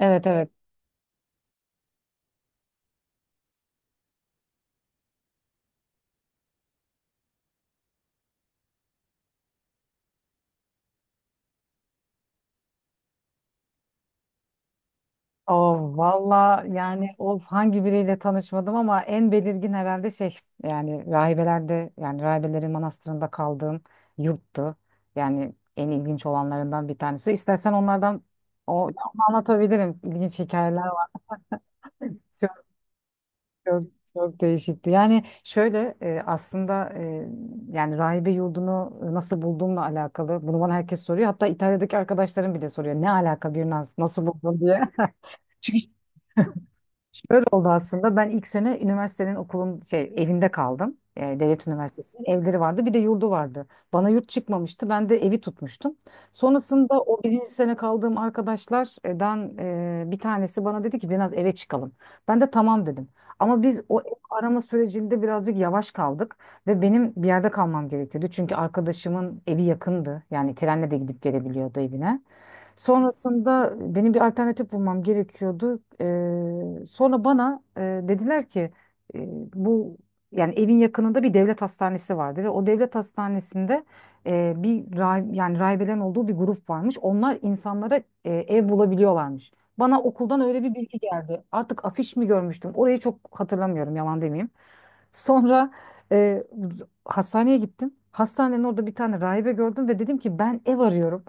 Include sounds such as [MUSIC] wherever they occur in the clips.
Evet, evet. O Valla yani o hangi biriyle tanışmadım ama en belirgin herhalde şey, yani rahibelerde, yani rahibelerin manastırında kaldığım yurttu. Yani en ilginç olanlarından bir tanesi. İstersen onlardan o ama anlatabilirim. İlginç hikayeler var. Çok çok çok değişikti. Yani şöyle aslında yani rahibe yurdunu nasıl bulduğumla alakalı. Bunu bana herkes soruyor. Hatta İtalya'daki arkadaşlarım bile soruyor. Ne alaka bir nasıl buldun diye. [LAUGHS] Şöyle oldu aslında. Ben ilk sene üniversitenin okulun şey evinde kaldım. Devlet Üniversitesi'nin evleri vardı. Bir de yurdu vardı. Bana yurt çıkmamıştı. Ben de evi tutmuştum. Sonrasında o birinci sene kaldığım arkadaşlardan bir tanesi bana dedi ki biraz eve çıkalım. Ben de tamam dedim. Ama biz o ev arama sürecinde birazcık yavaş kaldık ve benim bir yerde kalmam gerekiyordu. Çünkü arkadaşımın evi yakındı. Yani trenle de gidip gelebiliyordu evine. Sonrasında benim bir alternatif bulmam gerekiyordu. Sonra bana dediler ki e, bu yani evin yakınında bir devlet hastanesi vardı ve o devlet hastanesinde yani rahibelerin olduğu bir grup varmış. Onlar insanlara ev bulabiliyorlarmış. Bana okuldan öyle bir bilgi geldi. Artık afiş mi görmüştüm? Orayı çok hatırlamıyorum, yalan demeyeyim. Sonra e, hastaneye gittim. Hastanenin orada bir tane rahibe gördüm ve dedim ki ben ev arıyorum.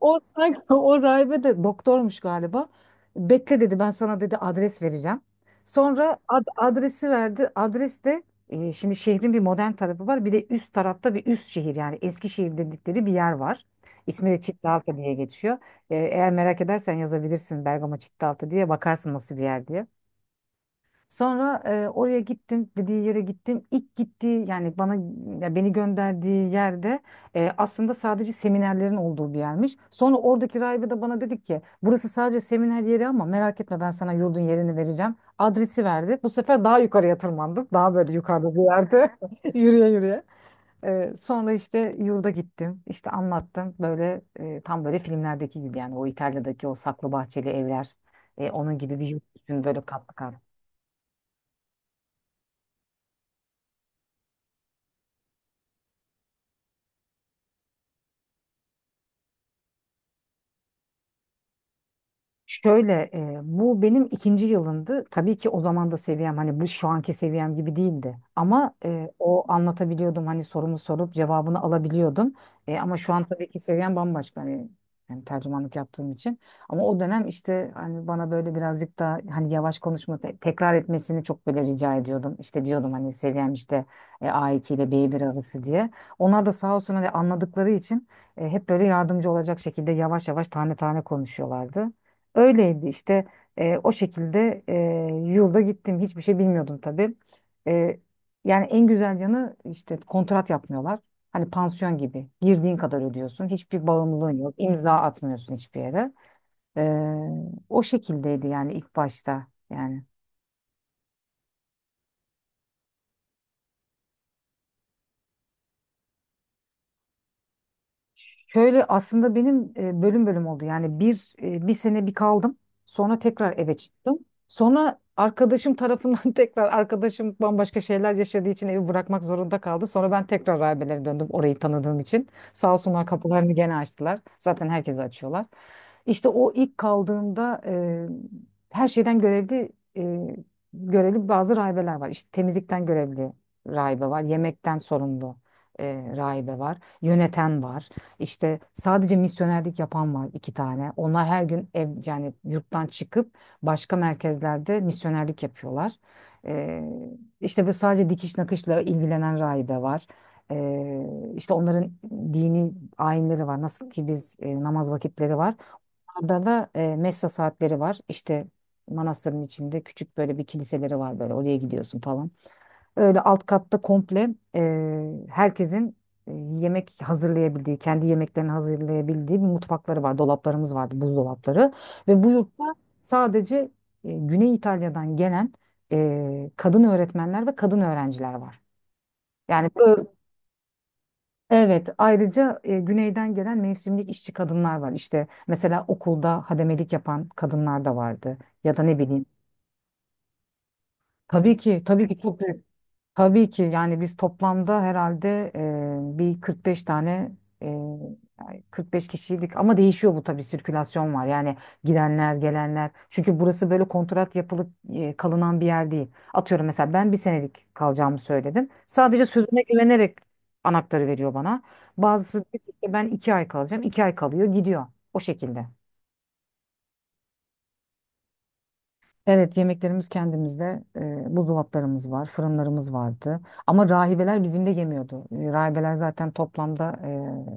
O sanki [LAUGHS] o rahibe de doktormuş galiba. Bekle dedi, ben sana dedi adres vereceğim. Sonra adresi verdi. Adres de şimdi şehrin bir modern tarafı var. Bir de üst tarafta bir üst şehir, yani Eskişehir dedikleri bir yer var. İsmi de Çitlaltı diye geçiyor. Eğer merak edersen yazabilirsin Bergama Çitlaltı diye, bakarsın nasıl bir yer diye. Sonra oraya gittim, dediği yere gittim. İlk gittiği, yani bana ya beni gönderdiği yerde aslında sadece seminerlerin olduğu bir yermiş. Sonra oradaki rahibe de bana dedik ki burası sadece seminer yeri ama merak etme, ben sana yurdun yerini vereceğim. Adresi verdi. Bu sefer daha yukarıya tırmandım. Daha böyle yukarıda bir yerde [LAUGHS] yürüye yürüye. Sonra işte yurda gittim. İşte anlattım böyle tam böyle filmlerdeki gibi, yani o İtalya'daki o saklı bahçeli evler. Onun gibi bir yurt düşün, böyle katlı katlı. Şöyle bu benim ikinci yılımdı. Tabii ki o zaman da seviyem hani bu şu anki seviyem gibi değildi. Ama anlatabiliyordum, hani sorumu sorup cevabını alabiliyordum. Ama şu an tabii ki seviyem bambaşka hani, yani tercümanlık yaptığım için. Ama o dönem işte hani bana böyle birazcık da hani yavaş konuşma, tekrar etmesini çok böyle rica ediyordum. İşte diyordum hani seviyem işte A2 ile b bir arası diye. Onlar da sağ olsun hani anladıkları için hep böyle yardımcı olacak şekilde yavaş yavaş tane tane konuşuyorlardı. Öyleydi işte o şekilde yılda gittim, hiçbir şey bilmiyordum tabii. E, Yani en güzel yanı işte kontrat yapmıyorlar. Hani pansiyon gibi girdiğin kadar ödüyorsun, hiçbir bağımlılığın yok, imza atmıyorsun hiçbir yere. E, O şekildeydi yani ilk başta yani. Şöyle aslında benim bölüm bölüm oldu. Yani bir sene kaldım. Sonra tekrar eve çıktım. Sonra arkadaşım tarafından [LAUGHS] tekrar arkadaşım bambaşka şeyler yaşadığı için evi bırakmak zorunda kaldı. Sonra ben tekrar rahibelere döndüm orayı tanıdığım için. Sağ olsunlar, kapılarını gene açtılar. Zaten herkese açıyorlar. İşte o ilk kaldığımda her şeyden görevli e, görevli bazı rahibeler var. İşte temizlikten görevli rahibe var. Yemekten sorumlu rahibe var. Yöneten var. İşte sadece misyonerlik yapan var iki tane. Onlar her gün yani yurttan çıkıp başka merkezlerde misyonerlik yapıyorlar. Ee, işte böyle sadece dikiş nakışla ilgilenen rahibe var. İşte onların dini ayinleri var. Nasıl ki biz namaz vakitleri var. Orada da messa saatleri var. İşte manastırın içinde küçük böyle bir kiliseleri var, böyle oraya gidiyorsun falan. Öyle alt katta komple yemek hazırlayabildiği, kendi yemeklerini hazırlayabildiği bir mutfakları var. Dolaplarımız vardı, buzdolapları. Ve bu yurtta sadece Güney İtalya'dan gelen kadın öğretmenler ve kadın öğrenciler var. Yani ö- evet, ayrıca Güney'den gelen mevsimlik işçi kadınlar var. İşte mesela okulda hademelik yapan kadınlar da vardı. Ya da ne bileyim. Tabii ki, tabii ki çok büyük. Tabii ki yani biz toplamda herhalde bir 45 tane e, yani 45 kişiydik, ama değişiyor bu tabii, sirkülasyon var yani, gidenler gelenler, çünkü burası böyle kontrat yapılıp kalınan bir yer değil. Atıyorum mesela ben bir senelik kalacağımı söyledim, sadece sözüme güvenerek anahtarı veriyor bana, bazısı diyor ki işte ben iki ay kalacağım, iki ay kalıyor, gidiyor. O şekilde. Evet, yemeklerimiz kendimizde, buzdolaplarımız var, fırınlarımız vardı. Ama rahibeler bizim de yemiyordu. Rahibeler zaten toplamda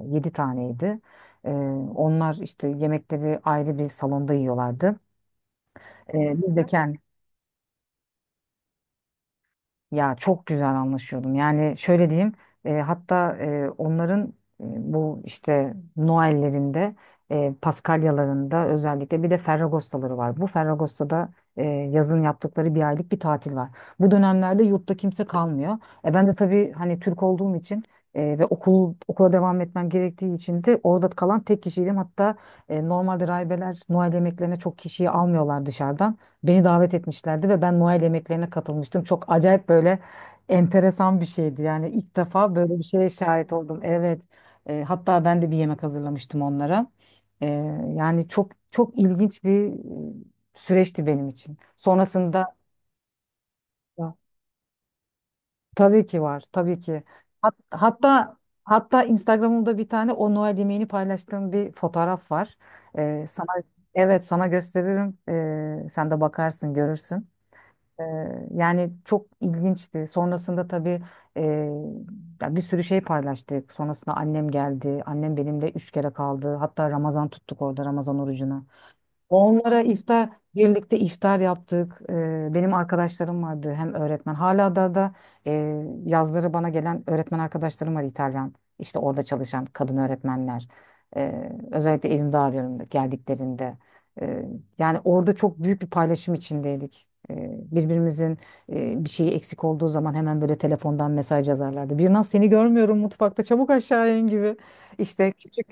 7 taneydi. E, Onlar işte yemekleri ayrı bir salonda yiyorlardı. Biz de. Hı. Ya çok güzel anlaşıyordum. Yani şöyle diyeyim, hatta onların e, bu işte Noel'lerinde, Paskalyalarında, özellikle bir de Ferragostaları var. Bu Ferragosto'da yazın yaptıkları bir aylık bir tatil var. Bu dönemlerde yurtta kimse kalmıyor. Ben de tabii hani Türk olduğum için ve okula devam etmem gerektiği için de orada kalan tek kişiydim. Hatta normalde rahibeler Noel yemeklerine çok kişiyi almıyorlar dışarıdan. Beni davet etmişlerdi ve ben Noel yemeklerine katılmıştım. Çok acayip, böyle enteresan bir şeydi. Yani ilk defa böyle bir şeye şahit oldum. Evet. Hatta ben de bir yemek hazırlamıştım onlara. E, Yani çok çok ilginç bir süreçti benim için. Sonrasında tabii ki var, tabii ki. Hatta hatta Instagram'ımda bir tane o Noel yemeğini paylaştığım bir fotoğraf var. Sana, evet, sana gösteririm. Sen de bakarsın, görürsün. Ee, Yani çok ilginçti. Sonrasında tabii e, ya bir sürü şey paylaştık. Sonrasında annem geldi. Annem benimle üç kere kaldı. Hatta Ramazan tuttuk orada, Ramazan orucunu. Onlara iftar, birlikte iftar yaptık. Benim arkadaşlarım vardı hem öğretmen hala da yazları bana gelen öğretmen arkadaşlarım var, İtalyan. İşte orada çalışan kadın öğretmenler. Özellikle evimde arıyorum geldiklerinde. Ee, Yani orada çok büyük bir paylaşım içindeydik. Birbirimizin bir şeyi eksik olduğu zaman hemen böyle telefondan mesaj yazarlardı. Bir seni görmüyorum mutfakta, çabuk aşağı in gibi. İşte küçük,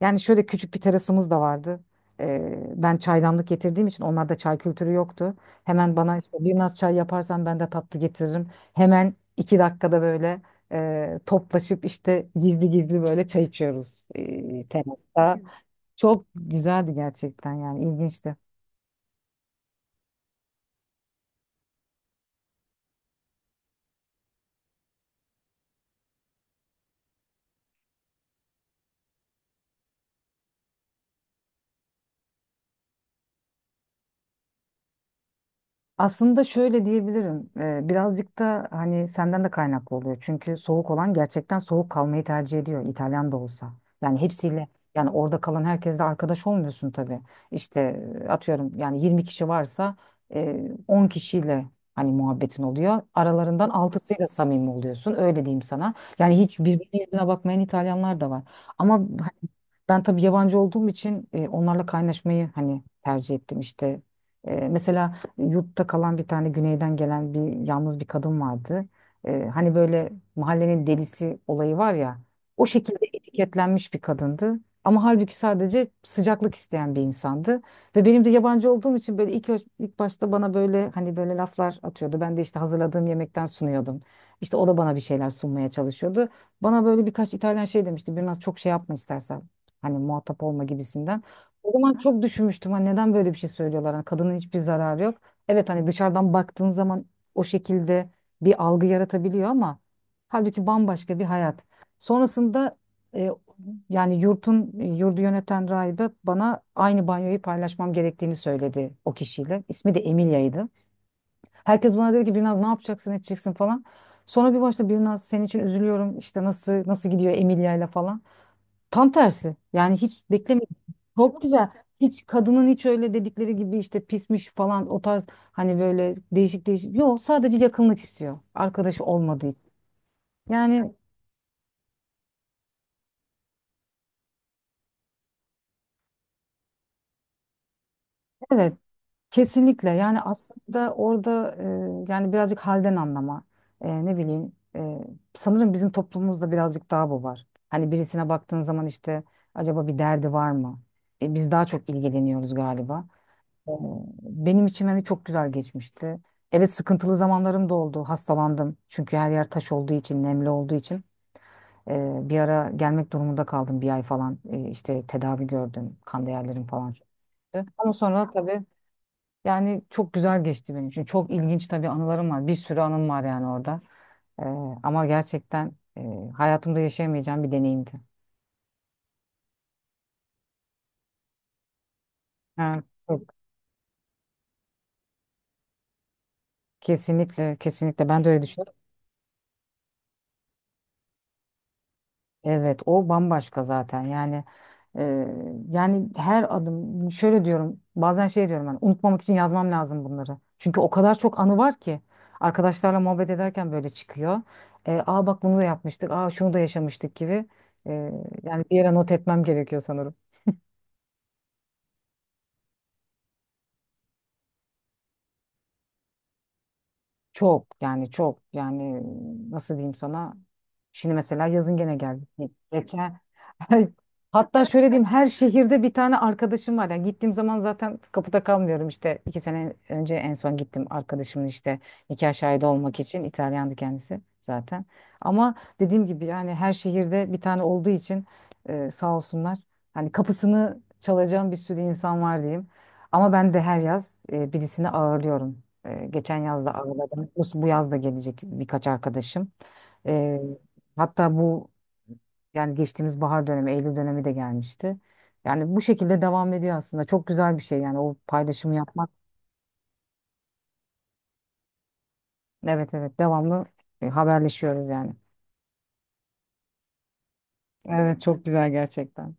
yani şöyle küçük bir terasımız da vardı. Ben çaydanlık getirdiğim için onlarda çay kültürü yoktu. Hemen bana işte, bir naz çay yaparsan ben de tatlı getiririm. Hemen iki dakikada böyle toplaşıp işte gizli gizli böyle çay içiyoruz terasta. Çok güzeldi gerçekten, yani ilginçti. Aslında şöyle diyebilirim. Birazcık da hani senden de kaynaklı oluyor. Çünkü soğuk olan gerçekten soğuk kalmayı tercih ediyor. İtalyan da olsa. Yani hepsiyle yani orada kalan herkesle arkadaş olmuyorsun tabii. İşte atıyorum yani 20 kişi varsa 10 kişiyle hani muhabbetin oluyor. Aralarından altısıyla samimi oluyorsun. Öyle diyeyim sana. Yani hiç birbirinin yüzüne bakmayan İtalyanlar da var. Ama hani ben tabii yabancı olduğum için onlarla kaynaşmayı hani tercih ettim işte. Mesela yurtta kalan bir tane güneyden gelen bir yalnız bir kadın vardı. Hani böyle mahallenin delisi olayı var ya, o şekilde etiketlenmiş bir kadındı. Ama halbuki sadece sıcaklık isteyen bir insandı. Ve benim de yabancı olduğum için böyle ilk başta bana böyle hani böyle laflar atıyordu. Ben de işte hazırladığım yemekten sunuyordum. İşte o da bana bir şeyler sunmaya çalışıyordu. Bana böyle birkaç İtalyan şey demişti. Biraz çok şey yapma istersen. Hani muhatap olma gibisinden. O zaman çok düşünmüştüm. Hani neden böyle bir şey söylüyorlar? Hani kadının hiçbir zararı yok. Evet, hani dışarıdan baktığın zaman o şekilde bir algı yaratabiliyor ama halbuki bambaşka bir hayat. Sonrasında e, yani yurtun yurdu yöneten rahibe bana aynı banyoyu paylaşmam gerektiğini söyledi o kişiyle. İsmi de Emilya'ydı. Herkes bana dedi ki biraz ne yapacaksın edeceksin falan. Sonra bir başta biraz senin için üzülüyorum işte, nasıl nasıl gidiyor Emilya'yla falan. Tam tersi. Yani hiç beklemedim. Çok güzel. Hiç kadının hiç öyle dedikleri gibi işte pismiş falan, o tarz hani böyle değişik değişik. Yok, sadece yakınlık istiyor. Arkadaşı olmadığı için. Yani evet, kesinlikle, yani aslında orada yani birazcık halden anlama. Ne bileyim, sanırım bizim toplumumuzda birazcık daha bu var. Hani birisine baktığın zaman işte acaba bir derdi var mı? Biz daha çok ilgileniyoruz galiba. Ee, Benim için hani çok güzel geçmişti. Evet sıkıntılı zamanlarım da oldu. Hastalandım. Çünkü her yer taş olduğu için, nemli olduğu için. Bir ara gelmek durumunda kaldım, bir ay falan. İşte tedavi gördüm. Kan değerlerim falan çok düştü. Ama sonra tabii yani çok güzel geçti benim için. Çok ilginç tabii, anılarım var. Bir sürü anım var yani orada. Ee, Ama gerçekten hayatımda yaşayamayacağım bir deneyimdi. Ha, çok, kesinlikle, kesinlikle ben de öyle düşünüyorum. Evet, o bambaşka zaten. Yani e, her adım şöyle diyorum. Bazen şey diyorum hani unutmamak için yazmam lazım bunları. Çünkü o kadar çok anı var ki arkadaşlarla muhabbet ederken böyle çıkıyor. Aa bak bunu da yapmıştık. Aa şunu da yaşamıştık gibi. E, Yani bir yere not etmem gerekiyor sanırım. Çok yani nasıl diyeyim sana? Şimdi mesela yazın gene geldik. Geçen [LAUGHS] hatta şöyle diyeyim, her şehirde bir tane arkadaşım var. Yani gittiğim zaman zaten kapıda kalmıyorum, işte iki sene önce en son gittim arkadaşımın işte nikah şahidi olmak için, İtalyandı kendisi zaten. Ama dediğim gibi yani her şehirde bir tane olduğu için sağ olsunlar. Hani kapısını çalacağım bir sürü insan var diyeyim. Ama ben de her yaz birisini ağırlıyorum. Geçen yaz da ağırladım. Bu yaz da gelecek birkaç arkadaşım. Ee, Hatta yani geçtiğimiz bahar dönemi, Eylül dönemi de gelmişti. Yani bu şekilde devam ediyor aslında. Çok güzel bir şey yani o paylaşımı yapmak. Evet, evet, devamlı haberleşiyoruz yani. Evet çok güzel gerçekten.